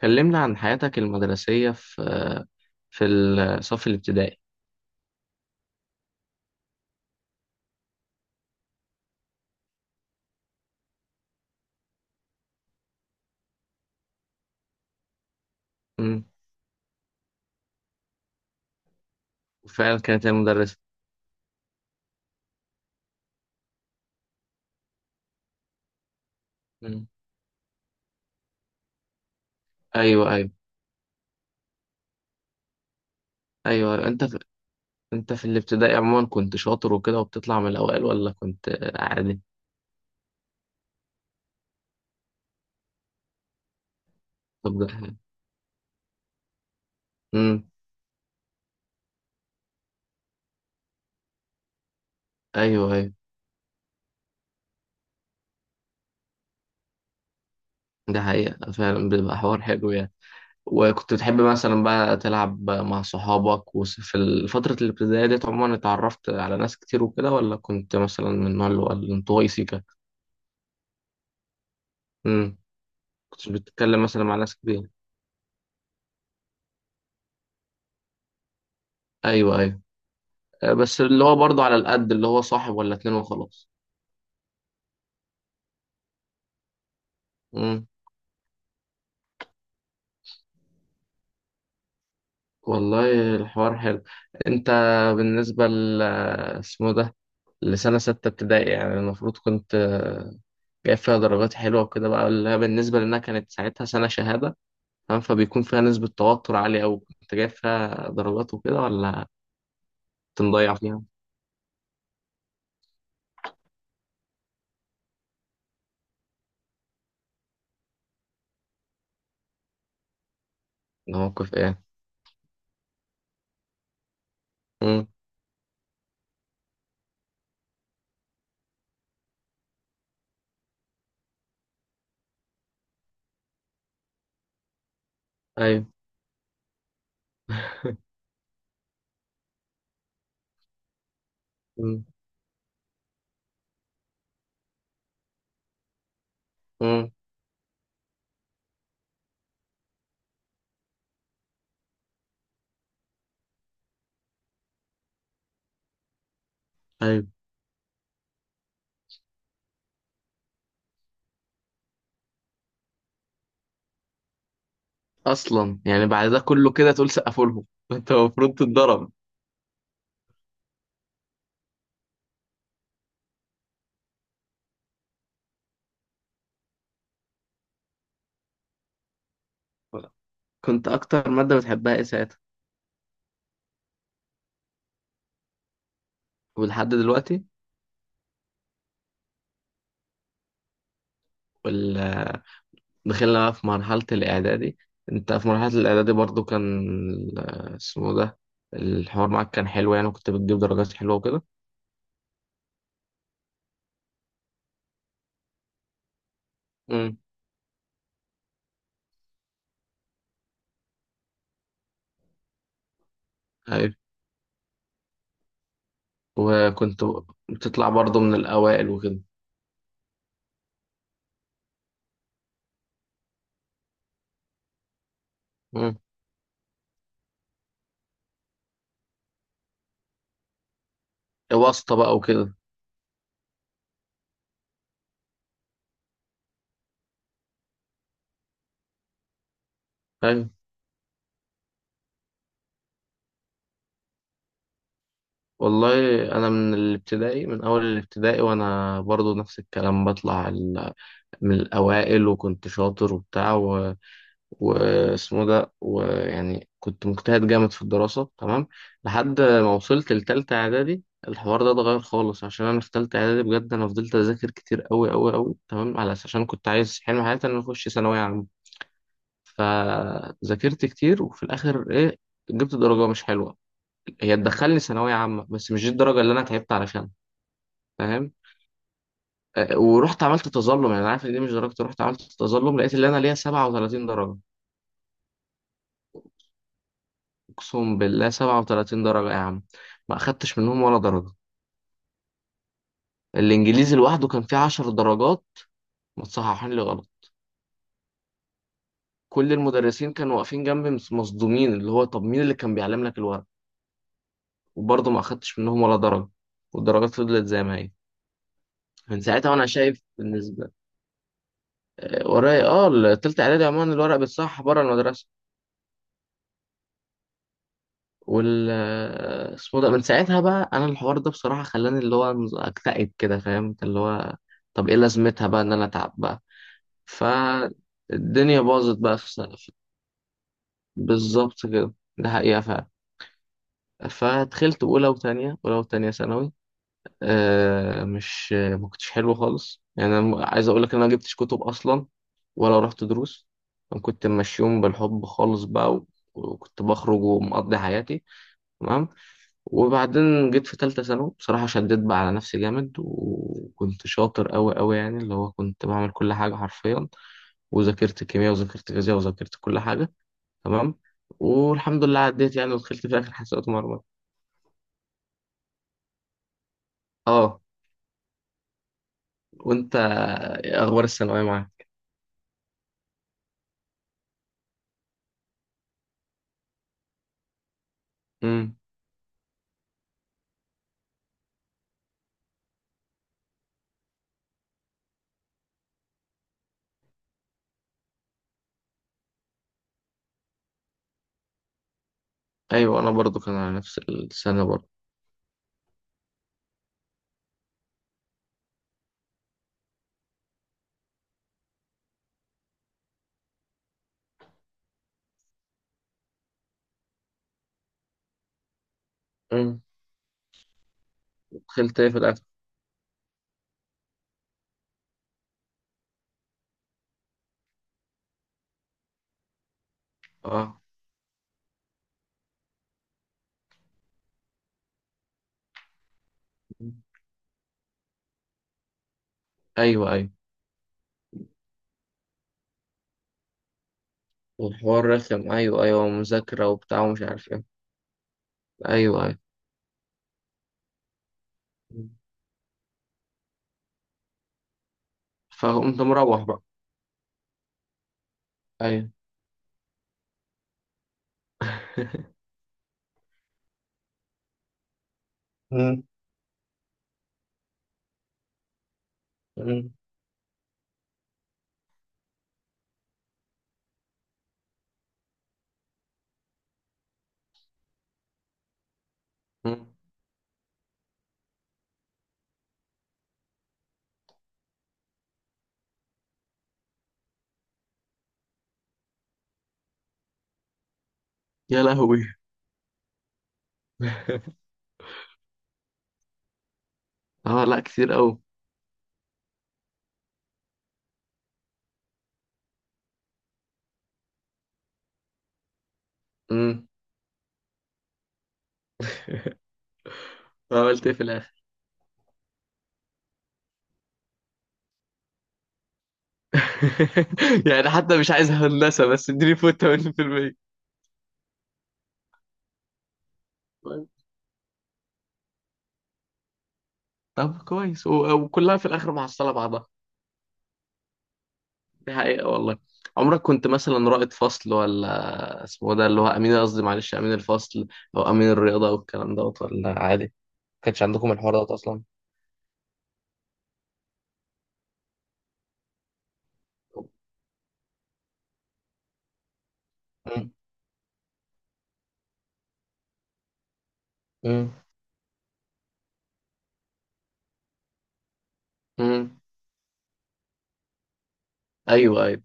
كلمنا عن حياتك المدرسية في الصف الابتدائي. امم فعلا كانت هي مدرسة. امم أيوه أيوه أيوه أيوة. أنت في الابتدائي عموما كنت شاطر وكده وبتطلع من الأوائل ولا كنت عادي؟ طب ده امم أيوه أيوه، ده حقيقة فعلا بيبقى حوار حلو يعني. وكنت بتحب مثلا بقى تلعب مع صحابك؟ وفي فترة الابتدائية ديت عموما اتعرفت على ناس كتير وكده ولا كنت مثلا من النوع اللي هو الانطوائي سيكا؟ امم كنتش بتتكلم مثلا مع ناس كتير؟ أيوه أيوه. بس اللي هو برضه على القد، اللي هو صاحب ولا اتنين وخلاص. مم. والله الحوار حلو. انت بالنسبة ل اسمه ده، لسنة ستة ابتدائي يعني المفروض كنت جايب فيها درجات حلوة وكده بقى، اللي هي بالنسبة لأنها كانت ساعتها سنة شهادة، فاهم، فبيكون فيها نسبة توتر عالية أوي. كنت جايب فيها درجات وكده ولا كنت مضيع فيها؟ ده موقف إيه؟ مم. أيوه. مم. مم. أيوه. أصلا يعني بعد ده كله كده تقول سقفوا لهم؟ أنت المفروض تتضرب. كنت اكتر ماده بتحبها ايه ساعتها ولحد دلوقتي؟ ولا دخلنا بقى في مرحله الاعدادي. انت في مرحله الاعدادي برضو كان ال- اسمه ده الحوار معاك كان حلو يعني، وكنت بتجيب درجات حلوه وكده. امم. ايوه. وكنت بتطلع برضو من الاوائل وكده. امم. واسطه بقى وكده. ايوه. والله انا من الابتدائي، من اول الابتدائي وانا برضو نفس الكلام، بطلع من الاوائل وكنت شاطر وبتاع واسمه ده، ويعني كنت مجتهد جامد في الدراسة، تمام، لحد ما وصلت لتالتة إعدادي. الحوار ده اتغير خالص عشان أنا في تالتة إعدادي بجد أنا فضلت أذاكر كتير أوي أوي أوي، تمام، على أساس عشان كنت عايز حلم حياتي إن أنا أخش ثانوية عامة. فذاكرت كتير وفي الآخر إيه، جبت درجة مش حلوة. هي تدخلني ثانوية عامة بس مش دي الدرجة اللي أنا تعبت علشانها، فاهم. أه، ورحت عملت تظلم، يعني أنا عارف إن دي مش درجتي، رحت عملت تظلم لقيت اللي أنا ليا 37 درجة. اقسم بالله 37 درجة يا عم، ما اخدتش منهم ولا درجة. الانجليزي لوحده كان فيه 10 درجات متصححين لي غلط. كل المدرسين كانوا واقفين جنبي مصدومين، اللي هو طب مين اللي كان بيعلم لك الورق. وبرضه ما اخدتش منهم ولا درجة، والدرجات فضلت زي ما هي. من ساعتها وانا شايف بالنسبة ورايا اه، التالتة اعدادي عموما الورق بيتصحح بره المدرسة. وال اسمه ده، من ساعتها بقى انا الحوار ده بصراحة خلاني اللي هو اكتئب كده، فاهم، اللي هو طب ايه لازمتها بقى ان انا اتعب بقى، فالدنيا باظت بقى في سنة. بالظبط كده، ده حقيقة فعلا. فدخلت أولى وتانية، أولى وتانية ثانوي، آه مش ما كنتش حلو خالص، يعني أنا عايز أقول لك إن أنا ما جبتش كتب أصلا ولا رحت دروس. أنا كنت ماشيهم بالحب خالص بقى، وكنت بخرج ومقضي حياتي، تمام. وبعدين جيت في تالتة ثانوي بصراحة شديت بقى على نفسي جامد وكنت شاطر أوي أوي يعني، اللي هو كنت بعمل كل حاجة حرفيا، وذاكرت كيمياء وذاكرت فيزياء وذاكرت كل حاجة، تمام. والحمد لله عديت يعني ودخلت في اخر حسابات مرمى. اه. وانت إيه اخبار الثانويه معاك؟ امم. ايوه انا برضو كان على نفس السنه برضو. امم. دخلت ايه في الاخر؟ اه. مم. ايوه ايوه. والحوار رخم، ايوه ايوه، مذاكره وبتاع ومش عارف ايه. ايوه ايوه. مم. فقمت مروح بقى. ايوه. مم. مم. مم. يا لهوي. اه لا كتير قوي. امم. عملت ايه في الاخر؟ يعني حتى مش عايز هندسه، بس اديني فوت 80%. طيب. طب كويس، وكلها في الاخر محصله بعضها. دي حقيقه والله. عمرك كنت مثلا رائد فصل ولا اسمه ده اللي هو امين، قصدي معلش، امين الفصل او امين الرياضه او الكلام دوت، ولا عادي ما كانش عندكم الحوار دوت اصلا؟ مم. مم. مم. ايوه ايوه.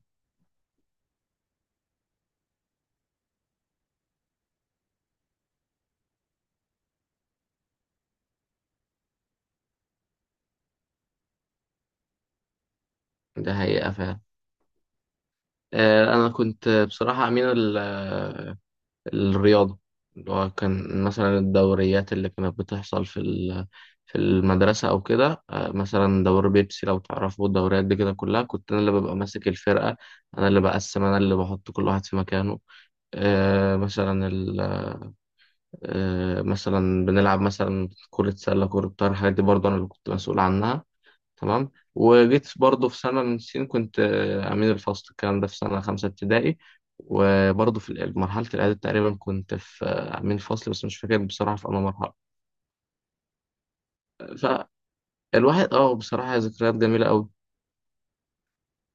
ده حقيقه فعلا. انا كنت بصراحه امين الرياضة، اللي هو كان مثلا الدوريات اللي كانت بتحصل في في المدرسة أو كده. مثلا دوري بيبسي لو تعرفوا الدوريات دي كده، كلها كنت أنا اللي ببقى ماسك الفرقة، أنا اللي بقسم، أنا اللي بحط كل واحد في مكانه. آه، مثلا ال... مثلا بنلعب مثلا كرة سلة، كرة طايرة، الحاجات دي برضه أنا اللي كنت مسؤول عنها، تمام. وجيت برضه في سنة من السنين كنت أمين الفصل، الكلام ده في سنة خمسة ابتدائي. وبرضه في مرحلة الإعداد تقريبا كنت في أمين فصل، بس مش فاكر بصراحة في أنا مرحلة. فالواحد اه بصراحة ذكريات جميلة أوي.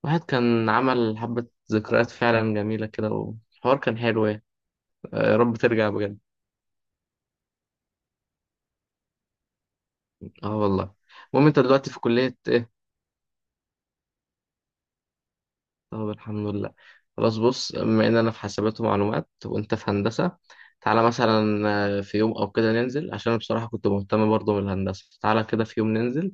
الواحد كان عمل حبة ذكريات فعلا جميلة كده، والحوار كان حلو يعني. يا رب ترجع بجد. اه والله. المهم انت دلوقتي في كلية. طب الحمد لله. خلاص بص، بما ان انا في حاسبات ومعلومات وانت في هندسه، تعالى مثلا في يوم او كده ننزل، عشان أنا بصراحه كنت مهتم برضه بالهندسه. تعالى كده في يوم ننزل،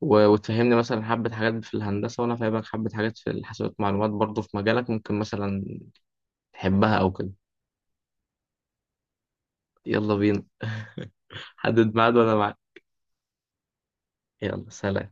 وتفهمني مثلا حبه حاجات في الهندسه، وانا فاهمك حبه حاجات في الحاسبات والمعلومات برضه في مجالك، ممكن مثلا تحبها او كده. يلا بينا. حدد ميعاد وانا معاك. يلا سلام.